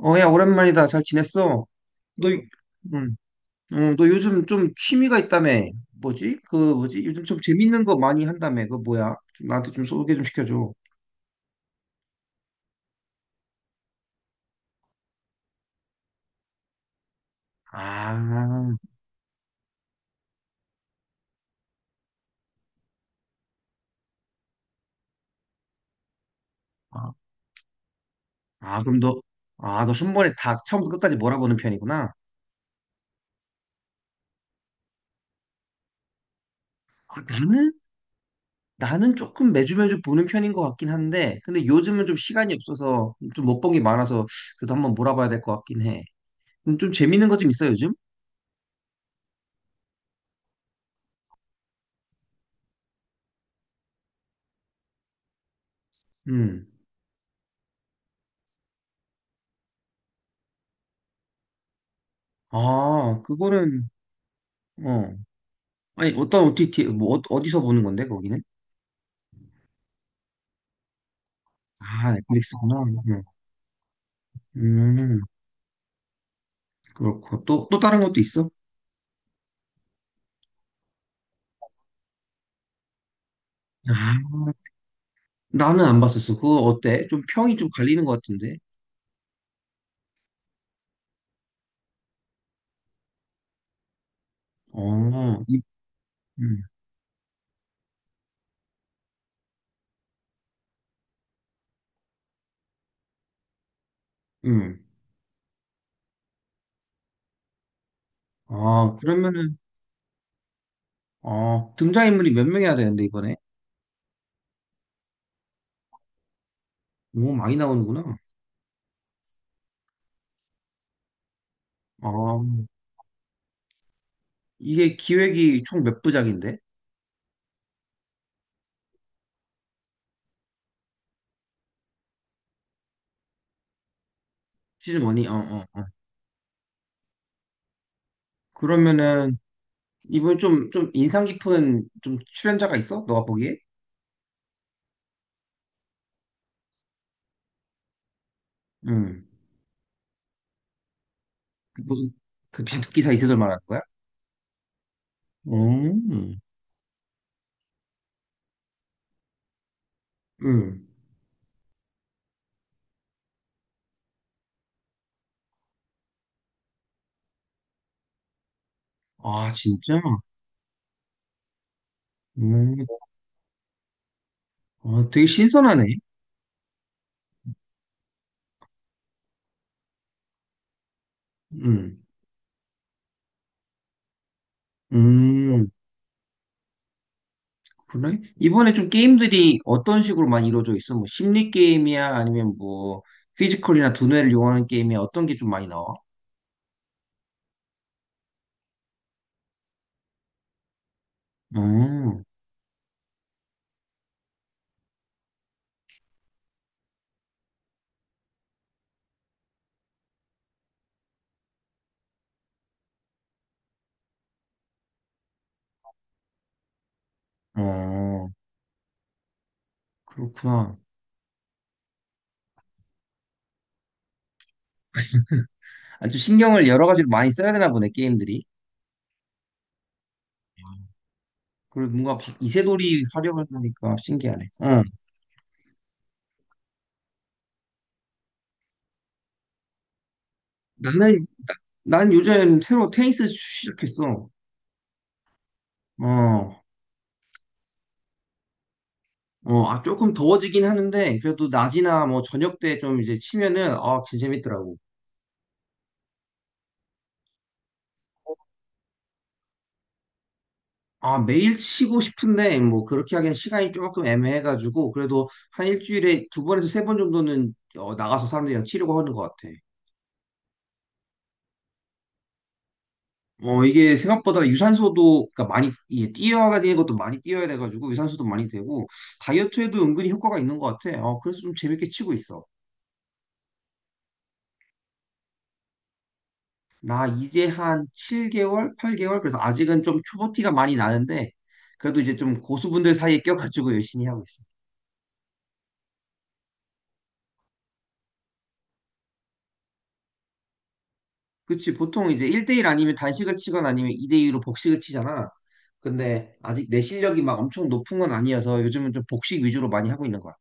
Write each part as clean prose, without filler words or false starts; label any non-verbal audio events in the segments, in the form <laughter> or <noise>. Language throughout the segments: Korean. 어, 야, 오랜만이다. 잘 지냈어? 너, 응, 응, 너 요즘 좀 취미가 있다며. 뭐지? 그, 뭐지? 요즘 좀 재밌는 거 많이 한다며. 그거 뭐야? 좀 나한테 좀 소개 좀 시켜줘. 아, 아, 아, 그럼 너, 아, 너 손번에 다 처음부터 끝까지 몰아보는 편이구나. 아, 나는? 나는 조금 매주 매주 보는 편인 것 같긴 한데, 근데 요즘은 좀 시간이 없어서 좀 못 본 게 많아서 그래도 한번 몰아봐야 될 것 같긴 해. 좀 재밌는 거 좀 있어, 요즘? 음. 아, 그거는, 어. 아니, 어떤 OTT, 뭐, 어디서 보는 건데, 거기는? 아, 넷플릭스구나. 음, 그렇고. 또, 또 다른 것도 있어? 아, 나는 안 봤었어. 그거 어때? 좀 평이 좀 갈리는 것 같은데? 어, 이, 음, 음. 아, 그러면은, 어, 등장인물이 몇 명이야 되는데, 이번에? 오, 많이 나오는구나. 아, 이게 기획이 총 몇 부작인데? 시즌 원이 어, 어, 어. 그러면은, 이번 좀, 좀 인상 깊은 좀 출연자가 있어? 너가 보기에? 음. 무슨 그 바둑 기사 이세돌 말하는 거야? 음, 음. 아, 진짜? 음, 아, 되게 신선하네. 음, 음, 그래? 이번에 좀 게임들이 어떤 식으로 많이 이루어져 있어? 뭐, 심리 게임이야? 아니면 뭐, 피지컬이나 두뇌를 이용하는 게임이야? 어떤 게 좀 많이 나와? 음, 어, 그렇구나. 아주 신경을 여러 가지로 많이 써야 되나 보네, 게임들이. 그리고 뭔가 이세돌이 활용하니까 신기하네. 어, 나는, 나- 난 요즘 새로 테니스 시작했어. 어, 어, 아, 조금 더워지긴 하는데, 그래도 낮이나 뭐 저녁 때 좀 이제 치면은, 아, 진짜 재밌더라고. 아, 매일 치고 싶은데, 뭐 그렇게 하기엔 시간이 조금 애매해가지고, 그래도 한 일주일에 두 번에서 세 번 정도는 어, 나가서 사람들이랑 치려고 하는 것 같아. 어, 이게 생각보다 유산소도, 그러니까 많이, 이게 뛰어야 되는 것도 많이 뛰어야 돼가지고, 유산소도 많이 되고, 다이어트에도 은근히 효과가 있는 것 같아. 어, 그래서 좀 재밌게 치고 있어. 나 이제 한 7개월, 8개월? 그래서 아직은 좀 초보티가 많이 나는데, 그래도 이제 좀 고수분들 사이에 껴가지고 열심히 하고 있어. 그치, 보통 이제 1대1 아니면 단식을 치거나 아니면 2대2로 복식을 치잖아. 근데 아직 내 실력이 막 엄청 높은 건 아니어서 요즘은 좀 복식 위주로 많이 하고 있는 거야.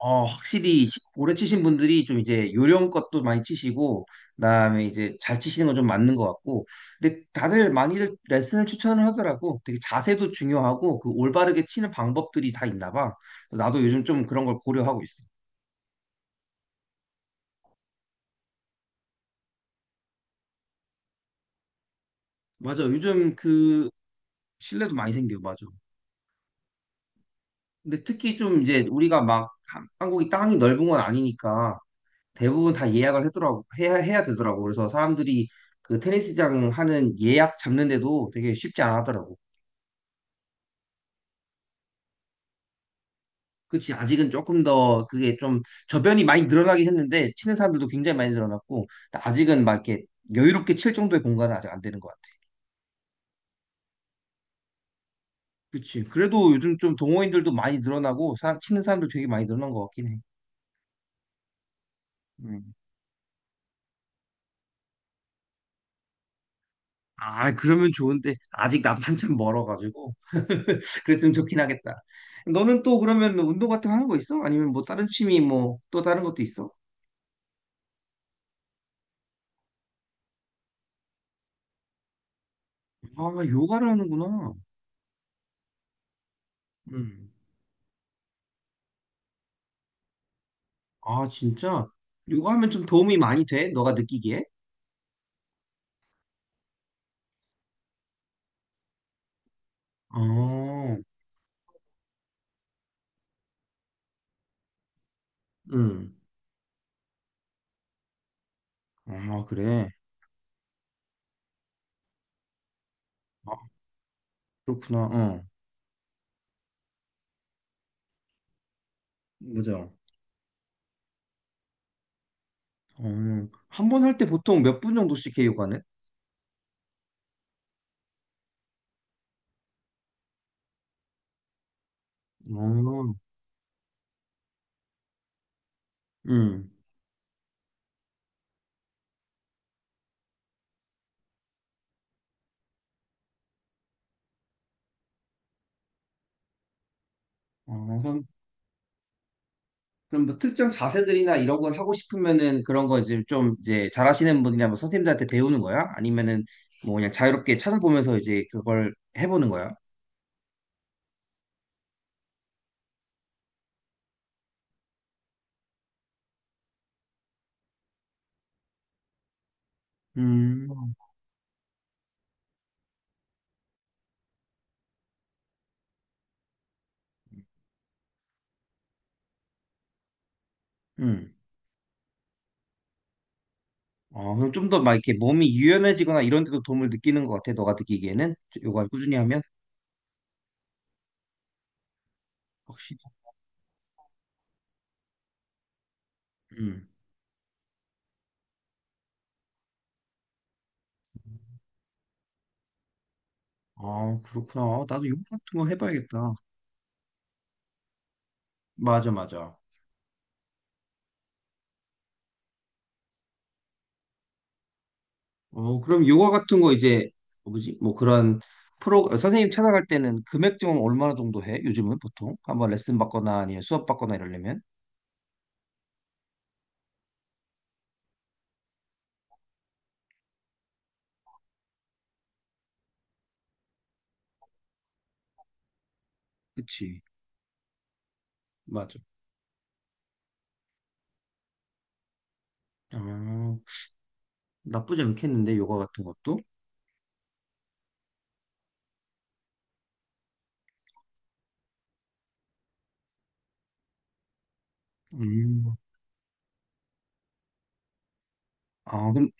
어, 확실히 오래 치신 분들이 좀 이제 요령껏 도 많이 치시고, 그다음에 이제 잘 치시는 건 좀 맞는 것 같고, 근데 다들 많이들 레슨을 추천을 하더라고. 되게 자세도 중요하고, 그 올바르게 치는 방법들이 다 있나 봐. 그래서 나도 요즘 좀 그런 걸 고려하고 있어. 맞아. 요즘 그 실내도 많이 생겨. 맞아. 근데 특히 좀 이제 우리가 막 한국이 땅이 넓은 건 아니니까 대부분 다 예약을 하더라고. 해야 되더라고. 그래서 사람들이 그 테니스장 하는 예약 잡는데도 되게 쉽지 않아 하더라고. 그치, 아직은 조금 더 그게 좀 저변이 많이 늘어나긴 했는데, 치는 사람들도 굉장히 많이 늘어났고, 아직은 막 이렇게 여유롭게 칠 정도의 공간은 아직 안 되는 것 같아. 그치. 그래도 요즘 좀 동호인들도 많이 늘어나고, 치는 사람도 되게 많이 늘어난 것 같긴 해. 음. 아, 그러면 좋은데, 아직 나도 한참 멀어가지고, <laughs> 그랬으면 좋긴 하겠다. 너는 또 그러면 운동 같은 거 하는 거 있어? 아니면 뭐 다른 취미 뭐 또 다른 것도 있어? 아, 요가를 하는구나. 음. 아, 진짜? 요가 하면 좀 도움이 많이 돼? 너가 느끼기에? 어, 응. 아, 그래. 아, 그렇구나. 어, 맞아. 어, 한 번 할 때 보통 몇 분 정도씩 해, 요가는? 어, 응. 어, 그럼, 그럼 뭐 특정 자세들이나 이런 걸 하고 싶으면은 그런 거 이제 좀 이제 잘하시는 분이나 뭐 선생님들한테 배우는 거야? 아니면은 뭐 그냥 자유롭게 찾아보면서 이제 그걸 해보는 거야? 음, 음. 어, 그럼 좀 더 막 이렇게 몸이 유연해지거나 이런 데도 도움을 느끼는 것 같아, 너가 느끼기에는? 요가 꾸준히 하면? 확실히. 응. 아, 그렇구나. 나도 요가 같은 거 해봐야겠다. 맞아, 맞아. 어, 그럼 요가 같은 거 이제, 뭐지? 뭐 그런 프로, 선생님 찾아갈 때는 금액 좀 얼마나 정도 해? 요즘은 보통? 한번 레슨 받거나 아니면 수업 받거나 이러려면? 그치. 맞아. 아, 나쁘지 않겠는데, 요가 같은 것도? 음. 아, 그럼,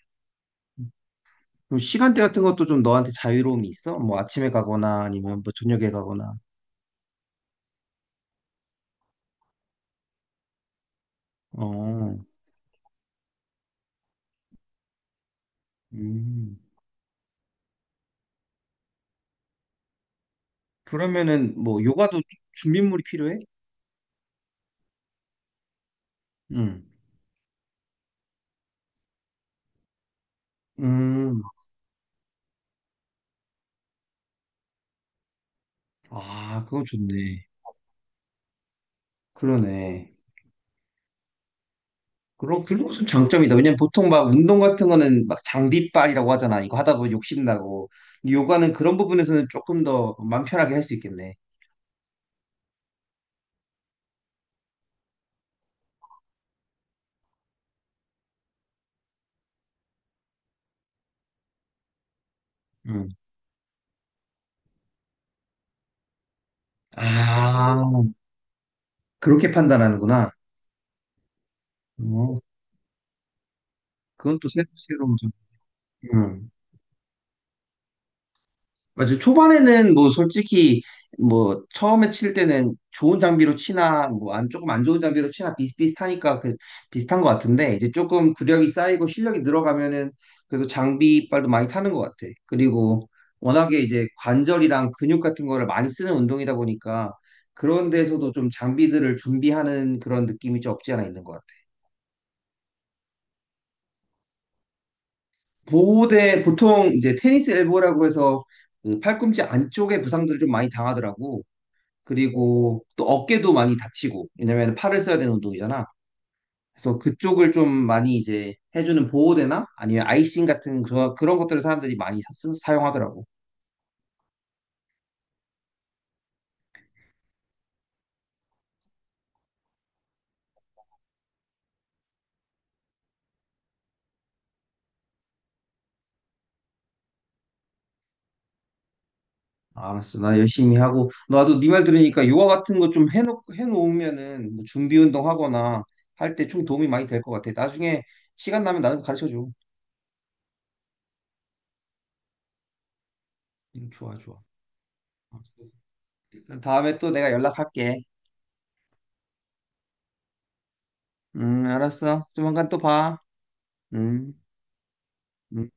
그럼 시간대 같은 것도 좀 너한테 자유로움이 있어? 뭐 아침에 가거나 아니면 뭐 저녁에 가거나. 어, 음. 그러면은 뭐 요가도 준비물이 필요해? 음. 음, 아, 그거 좋네. 그러네. 그럼 그런 것은 장점이다. 왜냐면 보통 막 운동 같은 거는 막 장비빨이라고 하잖아. 이거 하다 보면 욕심나고. 근데 요가는 그런 부분에서는 조금 더 마음 편하게 할 수 있겠네. 음. 아, 그렇게 판단하는구나. 어, 그건 또 새로운 점. 응. 맞아요. 초반에는 뭐 솔직히 뭐 처음에 칠 때는 좋은 장비로 치나 뭐 안 조금 안 좋은 장비로 치나 비슷비슷하니까 그 비슷한 것 같은데 이제 조금 구력이 쌓이고 실력이 늘어가면은 그래도 장비빨도 많이 타는 것 같아. 그리고 워낙에 이제 관절이랑 근육 같은 거를 많이 쓰는 운동이다 보니까 그런 데서도 좀 장비들을 준비하는 그런 느낌이 좀 없지 않아 있는 것 같아. 보호대 보통 이제 테니스 엘보라고 해서 그 팔꿈치 안쪽에 부상들을 좀 많이 당하더라고. 그리고 또 어깨도 많이 다치고, 왜냐면 팔을 써야 되는 운동이잖아. 그래서 그쪽을 좀 많이 이제 해주는 보호대나 아니면 아이싱 같은 그, 그런 것들을 사람들이 많이 사용하더라고. 아, 알았어. 나 열심히 하고. 나도 네 말 들으니까 요가 같은 거 좀 해놓으면은 뭐 준비 운동 하거나 할 때 좀 도움이 많이 될 것 같아. 나중에 시간 나면 나도 가르쳐줘. 좋아, 좋아. 알았어. 그럼 다음에 또 내가 연락할게. 알았어. 조만간 또 봐. 음. 음.